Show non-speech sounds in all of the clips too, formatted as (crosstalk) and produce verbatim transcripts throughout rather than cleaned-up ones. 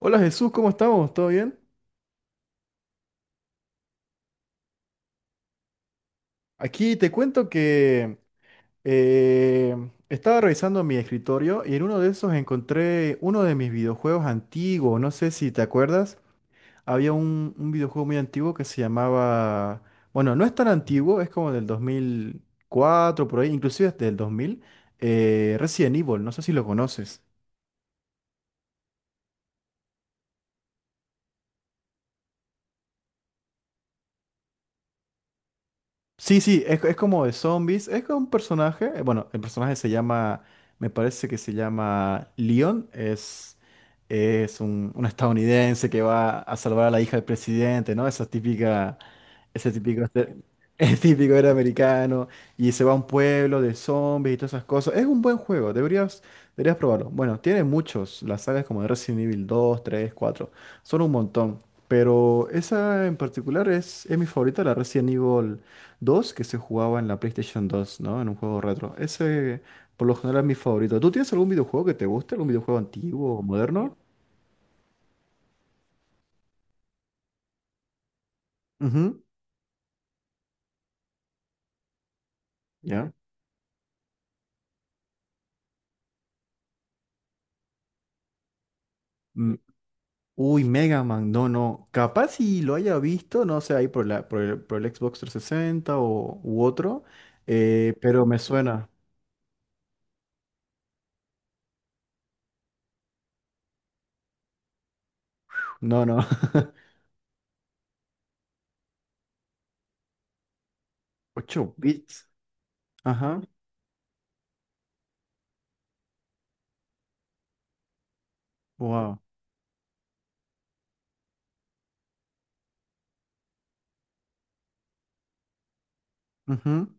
Hola Jesús, ¿cómo estamos? ¿Todo bien? Aquí te cuento que eh, estaba revisando mi escritorio y en uno de esos encontré uno de mis videojuegos antiguos. No sé si te acuerdas. Había un, un videojuego muy antiguo que se llamaba... Bueno, no es tan antiguo, es como del dos mil cuatro por ahí, inclusive desde el dos mil. eh, Resident Evil, no sé si lo conoces. Sí, sí, es, es como de zombies. Es como un personaje. eh, Bueno, el personaje se llama. Me parece que se llama Leon. Es, es un, un estadounidense que va a salvar a la hija del presidente, ¿no? Esa típica. Ese típico, este- (laughs) es típico era americano y se va a un pueblo de zombies y todas esas cosas. Es un buen juego, deberías, deberías probarlo. Bueno, tiene muchos, las sagas como de Resident Evil dos, tres, cuatro, son un montón. Pero esa en particular es, es mi favorita, la Resident Evil dos que se jugaba en la PlayStation dos, ¿no? En un juego retro. Ese por lo general es mi favorito. ¿Tú tienes algún videojuego que te guste? ¿Algún videojuego antiguo o moderno? Ujú. ¿Ya? Mm. Uy, Mega Man, no, no. Capaz si lo haya visto, no sé, ahí por la, por el, por el Xbox trescientos sesenta o, u otro, eh, pero me suena. No, no. (laughs) Ocho bits. Ajá. Wow. (laughs)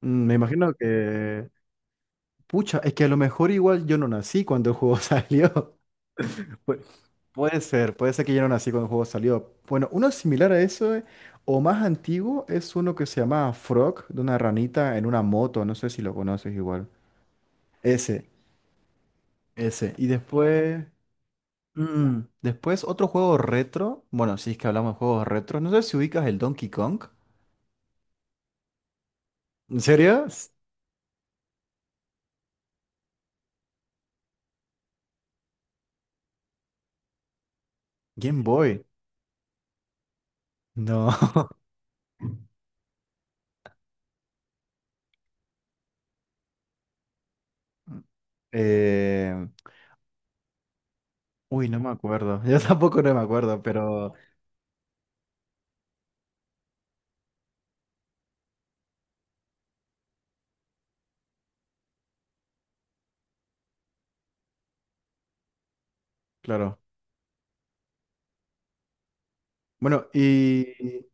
Me imagino que... Pucha, es que a lo mejor igual yo no nací cuando el juego (laughs) salió. Pu- Puede ser, puede ser que ya no nací cuando el juego salió. Bueno, uno similar a eso, eh, o más antiguo, es uno que se llama Frog, de una ranita en una moto, no sé si lo conoces igual. Ese, ese. Y después, mm, después otro juego retro, bueno, si es que hablamos de juegos retro, no sé si ubicas el Donkey Kong. ¿En serio? S- Game Boy. No. (laughs) Eh, Uy, no me acuerdo. (laughs) Yo tampoco no me acuerdo, pero claro. Bueno, y.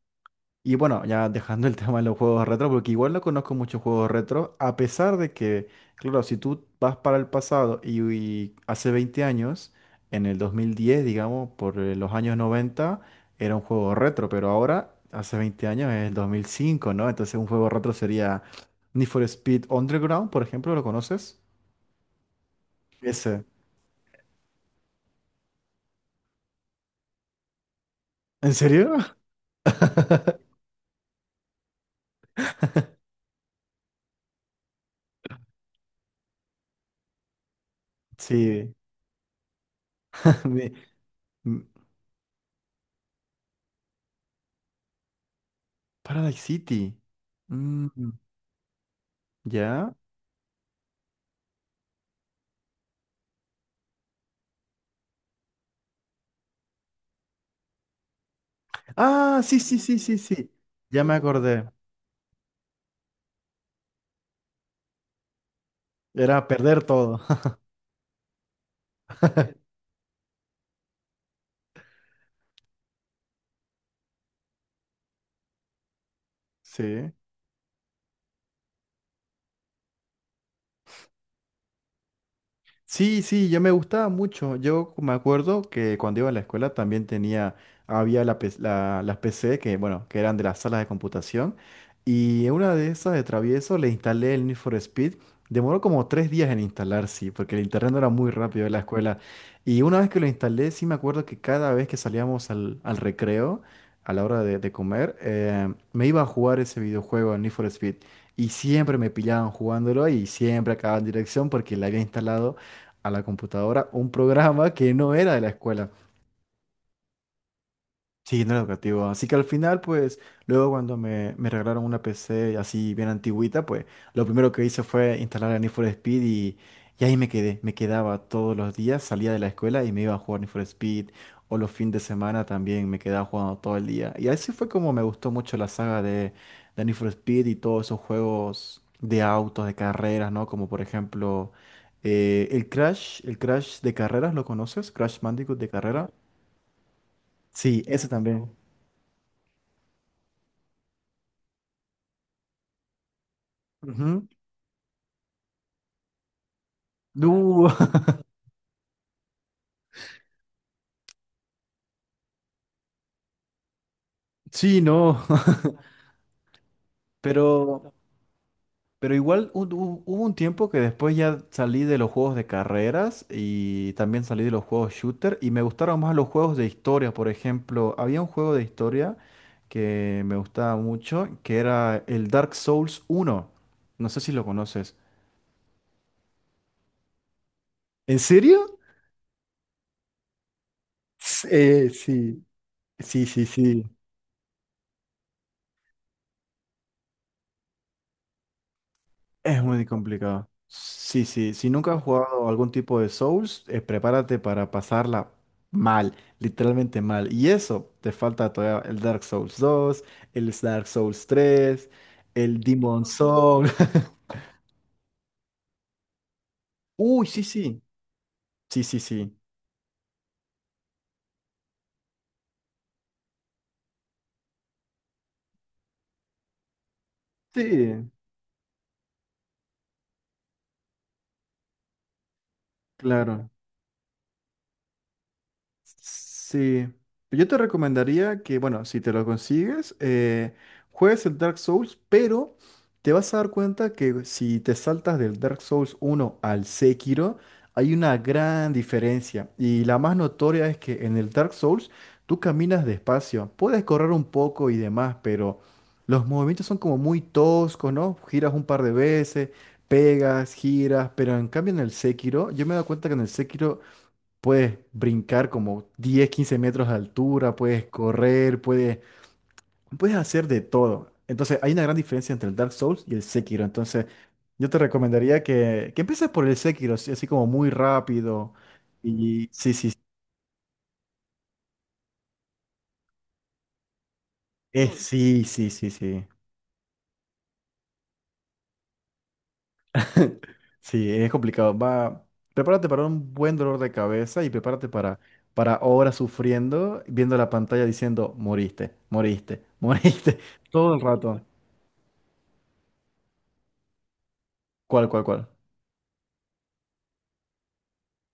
Y bueno, ya dejando el (laughs) tema de los juegos retro, porque igual no conozco muchos juegos retro, a pesar de que, claro, si tú vas para el pasado y, y hace veinte años, en el dos mil diez digamos, por eh, los años noventa era un juego retro, pero ahora, hace veinte años, es el dos mil cinco, ¿no? Entonces un juego retro sería Need for Speed Underground, por ejemplo, ¿lo conoces? Ese. ¿En serio? (laughs) Sí. (laughs) Mi- m- Paradise City. Mm, ¿ya? Ah, sí, sí, sí, sí, sí. Ya me acordé. Era perder todo. (laughs) Sí. Sí, sí, yo me gustaba mucho. Yo me acuerdo que cuando iba a la escuela también tenía, había la, pe- la- las P C que, bueno, que eran de las salas de computación. Y en una de esas de travieso le instalé el Need for Speed. Demoró como tres días en instalar, sí, porque el internet no era muy rápido en la escuela. Y una vez que lo instalé, sí me acuerdo que cada vez que salíamos al, al recreo, a la hora de, de comer, eh, me iba a jugar ese videojuego, el Need for Speed. Y siempre me pillaban jugándolo y siempre acababan en dirección porque le había instalado a la computadora un programa que no era de la escuela. Sí, no era educativo. Así que al final, pues, luego cuando me, me regalaron una P C así bien antigüita, pues, lo primero que hice fue instalar el Need for Speed y, y ahí me quedé. Me quedaba todos los días, salía de la escuela y me iba a jugar Need for Speed. O los fines de semana también me quedaba jugando todo el día. Y así fue como me gustó mucho la saga de, de Need for Speed y todos esos juegos de autos, de carreras, ¿no? Como por ejemplo, eh, el Crash, el Crash de carreras, ¿lo conoces? Crash Bandicoot de carrera. Sí, ese también. Ujú. Uh, (laughs) sí, no, (laughs) pero, pero igual hu- hu- hubo un tiempo que después ya salí de los juegos de carreras y también salí de los juegos shooter y me gustaron más los juegos de historia, por ejemplo, había un juego de historia que me gustaba mucho, que era el Dark Souls uno. No sé si lo conoces. ¿En serio? S- eh, sí, sí, sí, sí. Es muy complicado. Sí, sí. Si nunca has jugado algún tipo de Souls, eh, prepárate para pasarla mal, literalmente mal. Y eso, te falta todavía el Dark Souls dos, el Dark Souls tres, el Demon Souls. (laughs) Uy, sí, sí. Sí, sí, sí. Sí, claro. Sí, yo te recomendaría que, bueno, si te lo consigues, eh, juegues el Dark Souls, pero te vas a dar cuenta que si te saltas del Dark Souls uno al Sekiro, hay una gran diferencia. Y la más notoria es que en el Dark Souls tú caminas despacio, puedes correr un poco y demás, pero los movimientos son como muy toscos, ¿no? Giras un par de veces, pegas, giras, pero en cambio en el Sekiro, yo me he dado cuenta que en el Sekiro puedes brincar como diez quince metros de altura, puedes correr, puedes, puedes hacer de todo. Entonces, hay una gran diferencia entre el Dark Souls y el Sekiro. Entonces, yo te recomendaría que, que empieces por el Sekiro, así así como muy rápido. Y sí, sí, eh, sí, sí, sí, sí. (laughs) Sí, es complicado. Va, prepárate para un buen dolor de cabeza y prepárate para, para horas sufriendo, viendo la pantalla diciendo, moriste, moriste, (laughs) moriste, todo el rato. (laughs) ¿Cuál, cuál, cuál?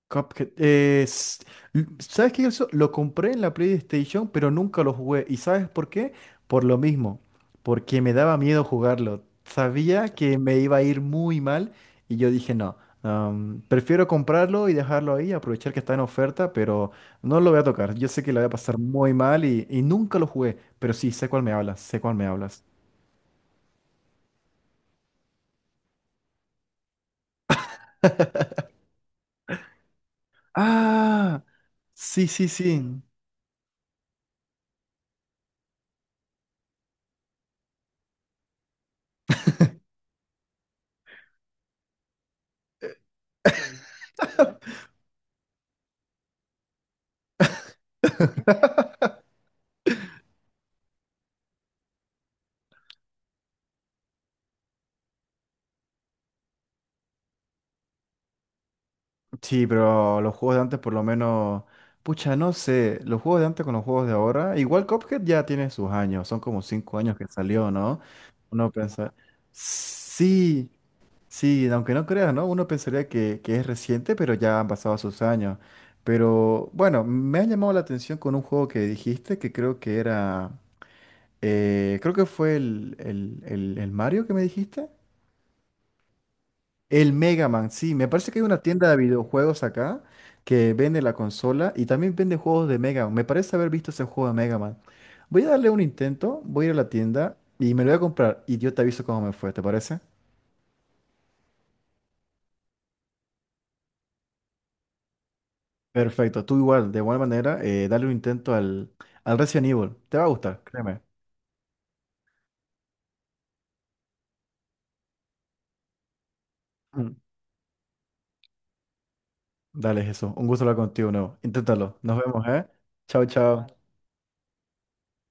Cuphead. Eh, s- l- ¿sabes qué? Eso lo compré en la PlayStation, pero nunca lo jugué. ¿Y sabes por qué? Por lo mismo. Porque me daba miedo jugarlo. Sabía que me iba a ir muy mal y yo dije no. Am, prefiero comprarlo y dejarlo ahí, aprovechar que está en oferta, pero no lo voy a tocar. Yo sé que lo voy a pasar muy mal y, y nunca lo jugué, pero sí, sé cuál me hablas, sé cuál me hablas. Ah, sí, sí, sí. (laughs) Sí, pero los juegos de antes por lo menos, pucha, no sé, los juegos de antes con los juegos de ahora, igual Cuphead ya tiene sus años, son como cinco años que salió, ¿no? Uno piensa, sí, sí, aunque no creas, ¿no? Uno pensaría que, que es reciente, pero ya han pasado sus años. Pero bueno, me ha llamado la atención con un juego que dijiste que creo que era, eh, creo que fue el, el el- el Mario que me dijiste. El Mega Man, sí, me parece que hay una tienda de videojuegos acá que vende la consola y también vende juegos de Mega Man. Me parece haber visto ese juego de Mega Man. Voy a darle un intento, voy a ir a la tienda y me lo voy a comprar y yo te aviso cómo me fue, ¿te parece? Perfecto, tú igual, de igual manera, eh, dale un intento al, al Resident Evil. Te va a gustar, créeme. Mm. Dale, Jesús, un gusto hablar contigo de nuevo. Inténtalo. Nos vemos, ¿eh? Chao, chao.